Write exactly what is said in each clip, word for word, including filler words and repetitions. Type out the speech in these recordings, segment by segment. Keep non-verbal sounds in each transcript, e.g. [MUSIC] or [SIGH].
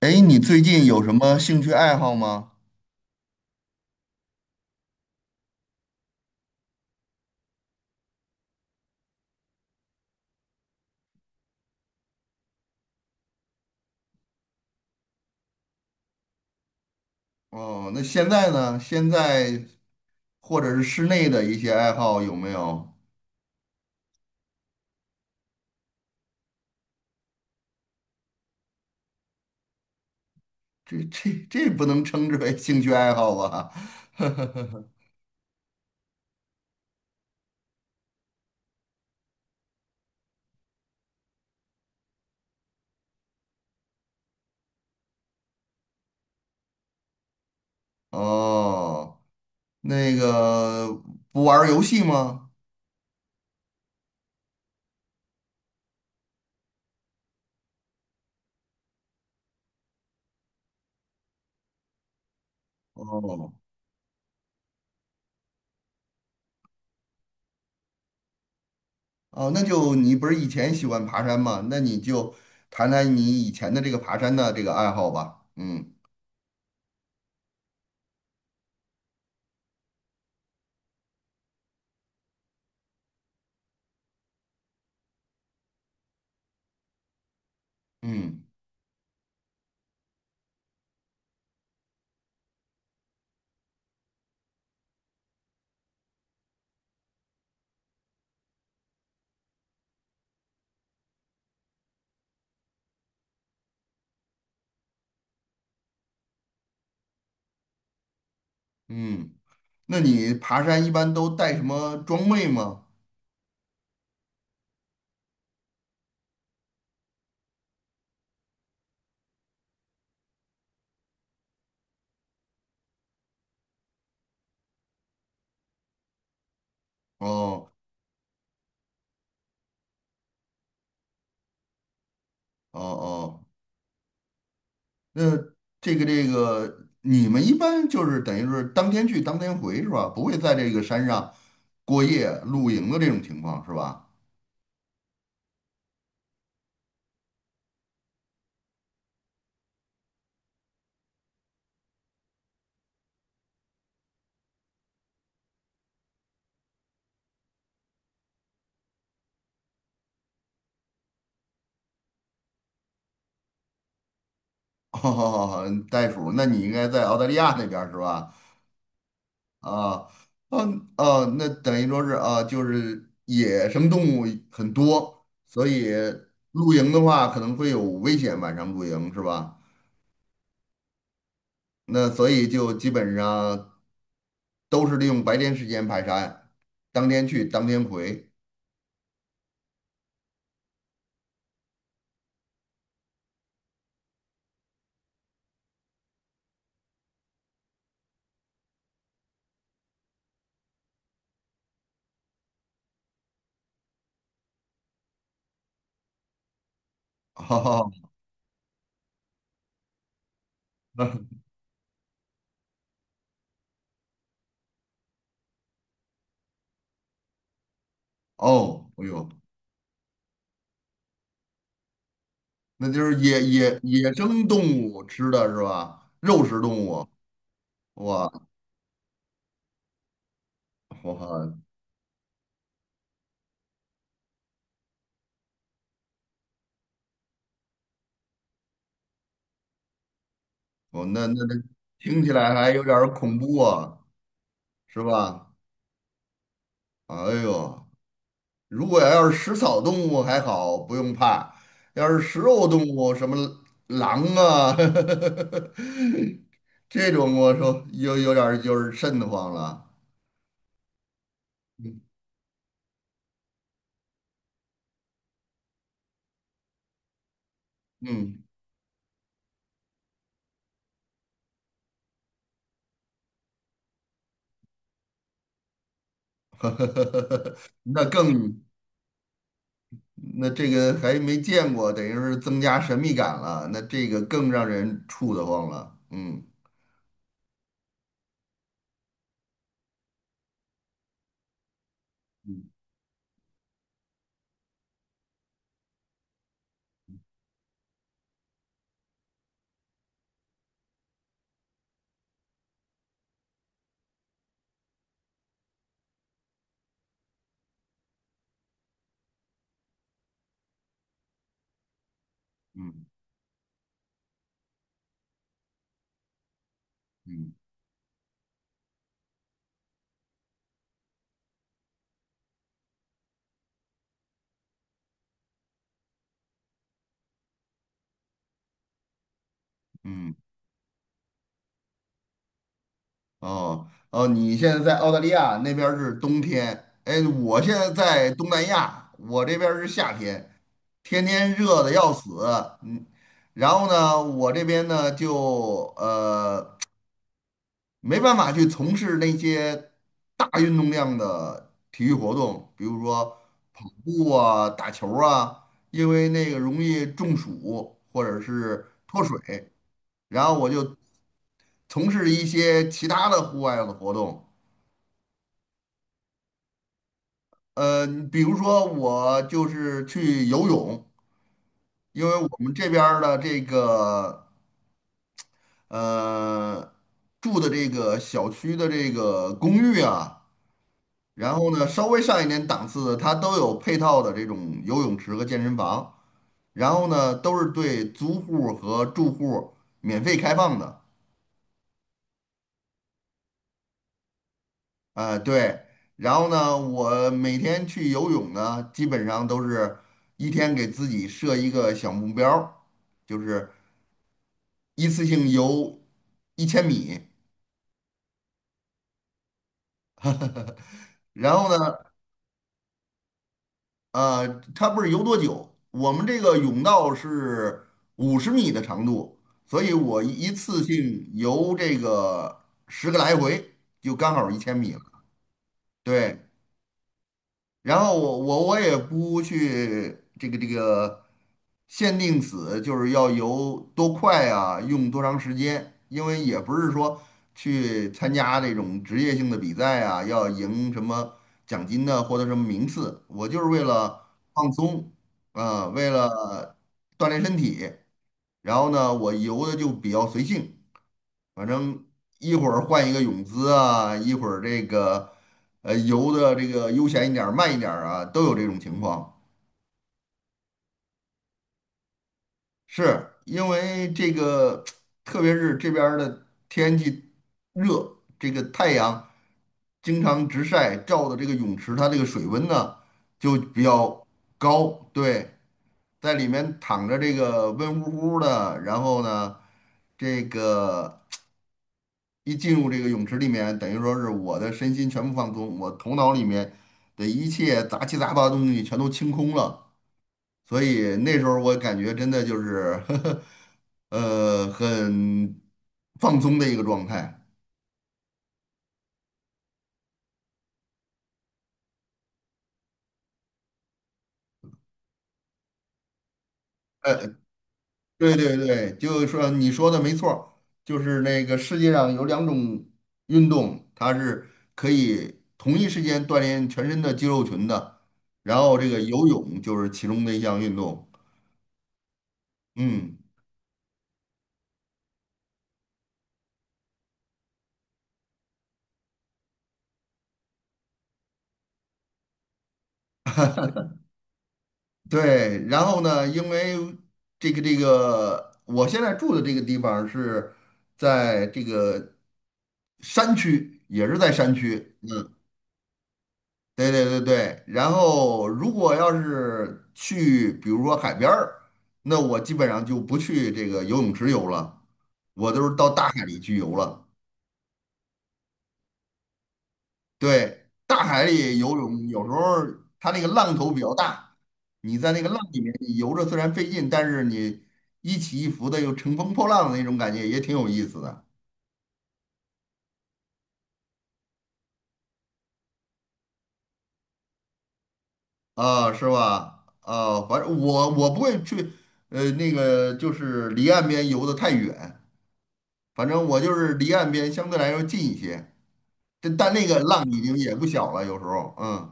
哎，你最近有什么兴趣爱好吗？哦，那现在呢？现在或者是室内的一些爱好有没有？这这这不能称之为兴趣爱好吧？[LAUGHS] 哦，那个不玩儿游戏吗？哦哦，那就你不是以前喜欢爬山吗？那你就谈谈你以前的这个爬山的这个爱好吧。嗯嗯嗯，那你爬山一般都带什么装备吗？哦。哦哦，那这个这个，你们一般就是等于是当天去当天回是吧？不会在这个山上过夜露营的这种情况是吧？[LAUGHS] 哦，嗯袋鼠，那你应该在澳大利亚那边儿是吧？啊，嗯哦，那等于说是啊，就是野生动物很多，所以露营的话可能会有危险，晚上露营是吧？那所以就基本上都是利用白天时间排山，当天去当天回。[LAUGHS] 哦，那哦，哎呦，那就是野野野生动物吃的是吧？肉食动物，哇哇，哦，那那那听起来还有点儿恐怖啊，是吧？哎呦，如果要是食草动物还好，不用怕；要是食肉动物，什么狼啊，[LAUGHS] 这种我说有有点儿就是瘆得慌了。嗯，嗯那更。那这个还没见过，等于是增加神秘感了，那这个更让人怵得慌了。嗯嗯嗯嗯，哦哦，你现在在澳大利亚那边儿是冬天，哎，我现在在东南亚，我这边儿是夏天，天天热的要死，嗯，然后呢，我这边呢就呃没办法去从事那些大运动量的体育活动，比如说跑步啊、打球儿啊，因为那个容易中暑或者是脱水。然后我就从事一些其他的户外的活动，呃，比如说我就是去游泳，因为我们这边儿的这个呃住的这个小区的这个公寓啊。然后呢，稍微上一点档次的，它都有配套的这种游泳池和健身房，然后呢，都是对租户和住户免费开放的。呃，对，然后呢，我每天去游泳呢，基本上都是一天给自己设一个小目标儿就是一次性游一千米。然后呢，呃，它不是游多久，我们这个甬道是五十米的长度，所以我一次性游这个十个来回就刚好一千米了。对，然后我我我也不去这个这个限定死，就是要游多快啊，用多长时间，因为也不是说去参加这种职业性的比赛啊，要赢什么奖金的获得什么名次，我就是为了放松啊，为了锻炼身体，然后呢，我游的就比较随性。反正一会儿换一个泳姿啊，一会儿这个呃游的这个悠闲一点儿、慢一点儿啊，都有这种情况。是因为这个，[TSK] 特别是这边儿的天气热，这个太阳经常直晒，照的这个泳池它这个水温呢就比较高，对，在里面躺着这个温乎乎的，然后呢，这个。一进入这个泳池里面，等于说是我的身心全部放松，我头脑里面的一切杂七杂八的东西全都清空了。所以那时候我感觉真的就是 [LAUGHS] 呵呵，呃，很放松的一个状态。呃，对对对，就是说你说的没错儿就是那个世界上有两种运动，它是可以同一时间锻炼全身的肌肉群的，然后这个游泳就是其中的一项运动。嗯。对，然后呢，因为这个这个，我现在住的这个地方是在这个山区，也是在山区。对对对对，然后如果要是去，比如说海边儿，那我基本上就不去这个游泳池游了，我都是到大海里去游了。对，大海里游泳有时候儿它那个浪头比较大，你在那个浪里面你游着虽然费劲，但是你一起一伏的又乘风破浪的那种感觉也挺有意思的啊，是吧？啊，反正我我不会去，呃，那个就是离岸边游的太远，反正我就是离岸边相对来说近一些，但但那个浪已经也不小了，有时候，嗯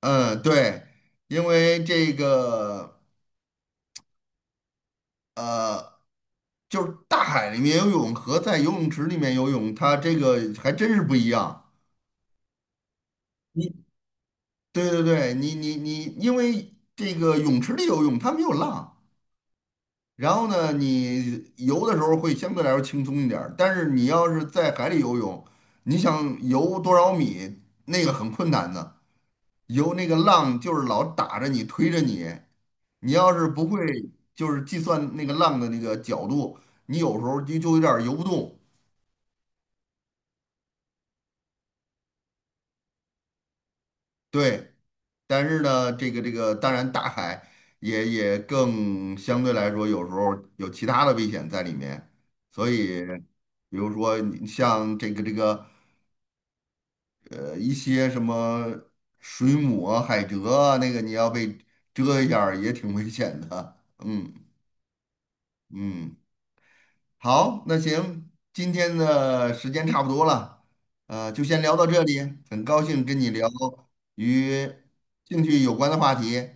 嗯，对，因为这个。呃，就是大海里面游泳和在游泳池里面游泳，它这个还真是不一样。你对对对，你你你，因为这个泳池里游泳它没有浪，然后呢，你游的时候会相对来说轻松一点儿，但是你要是在海里游泳，你想游多少米，那个很困难的，游那个浪就是老打着你推着你，你要是不会就是计算那个浪的那个角度，你有时候就就有点儿游不动。对，但是呢，这个这个，当然大海也也更相对来说，有时候有其他的危险在里面，所以比如说你像这个这个呃一些什么水母啊、海蜇啊，那个你要被蛰一下儿也挺危险的。嗯嗯，好，那行，今天的时间差不多了，呃，就先聊到这里，很高兴跟你聊与兴趣有关的话题。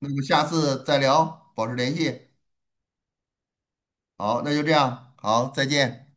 那么下次再聊，保持联系。好，那就这样，好，再见。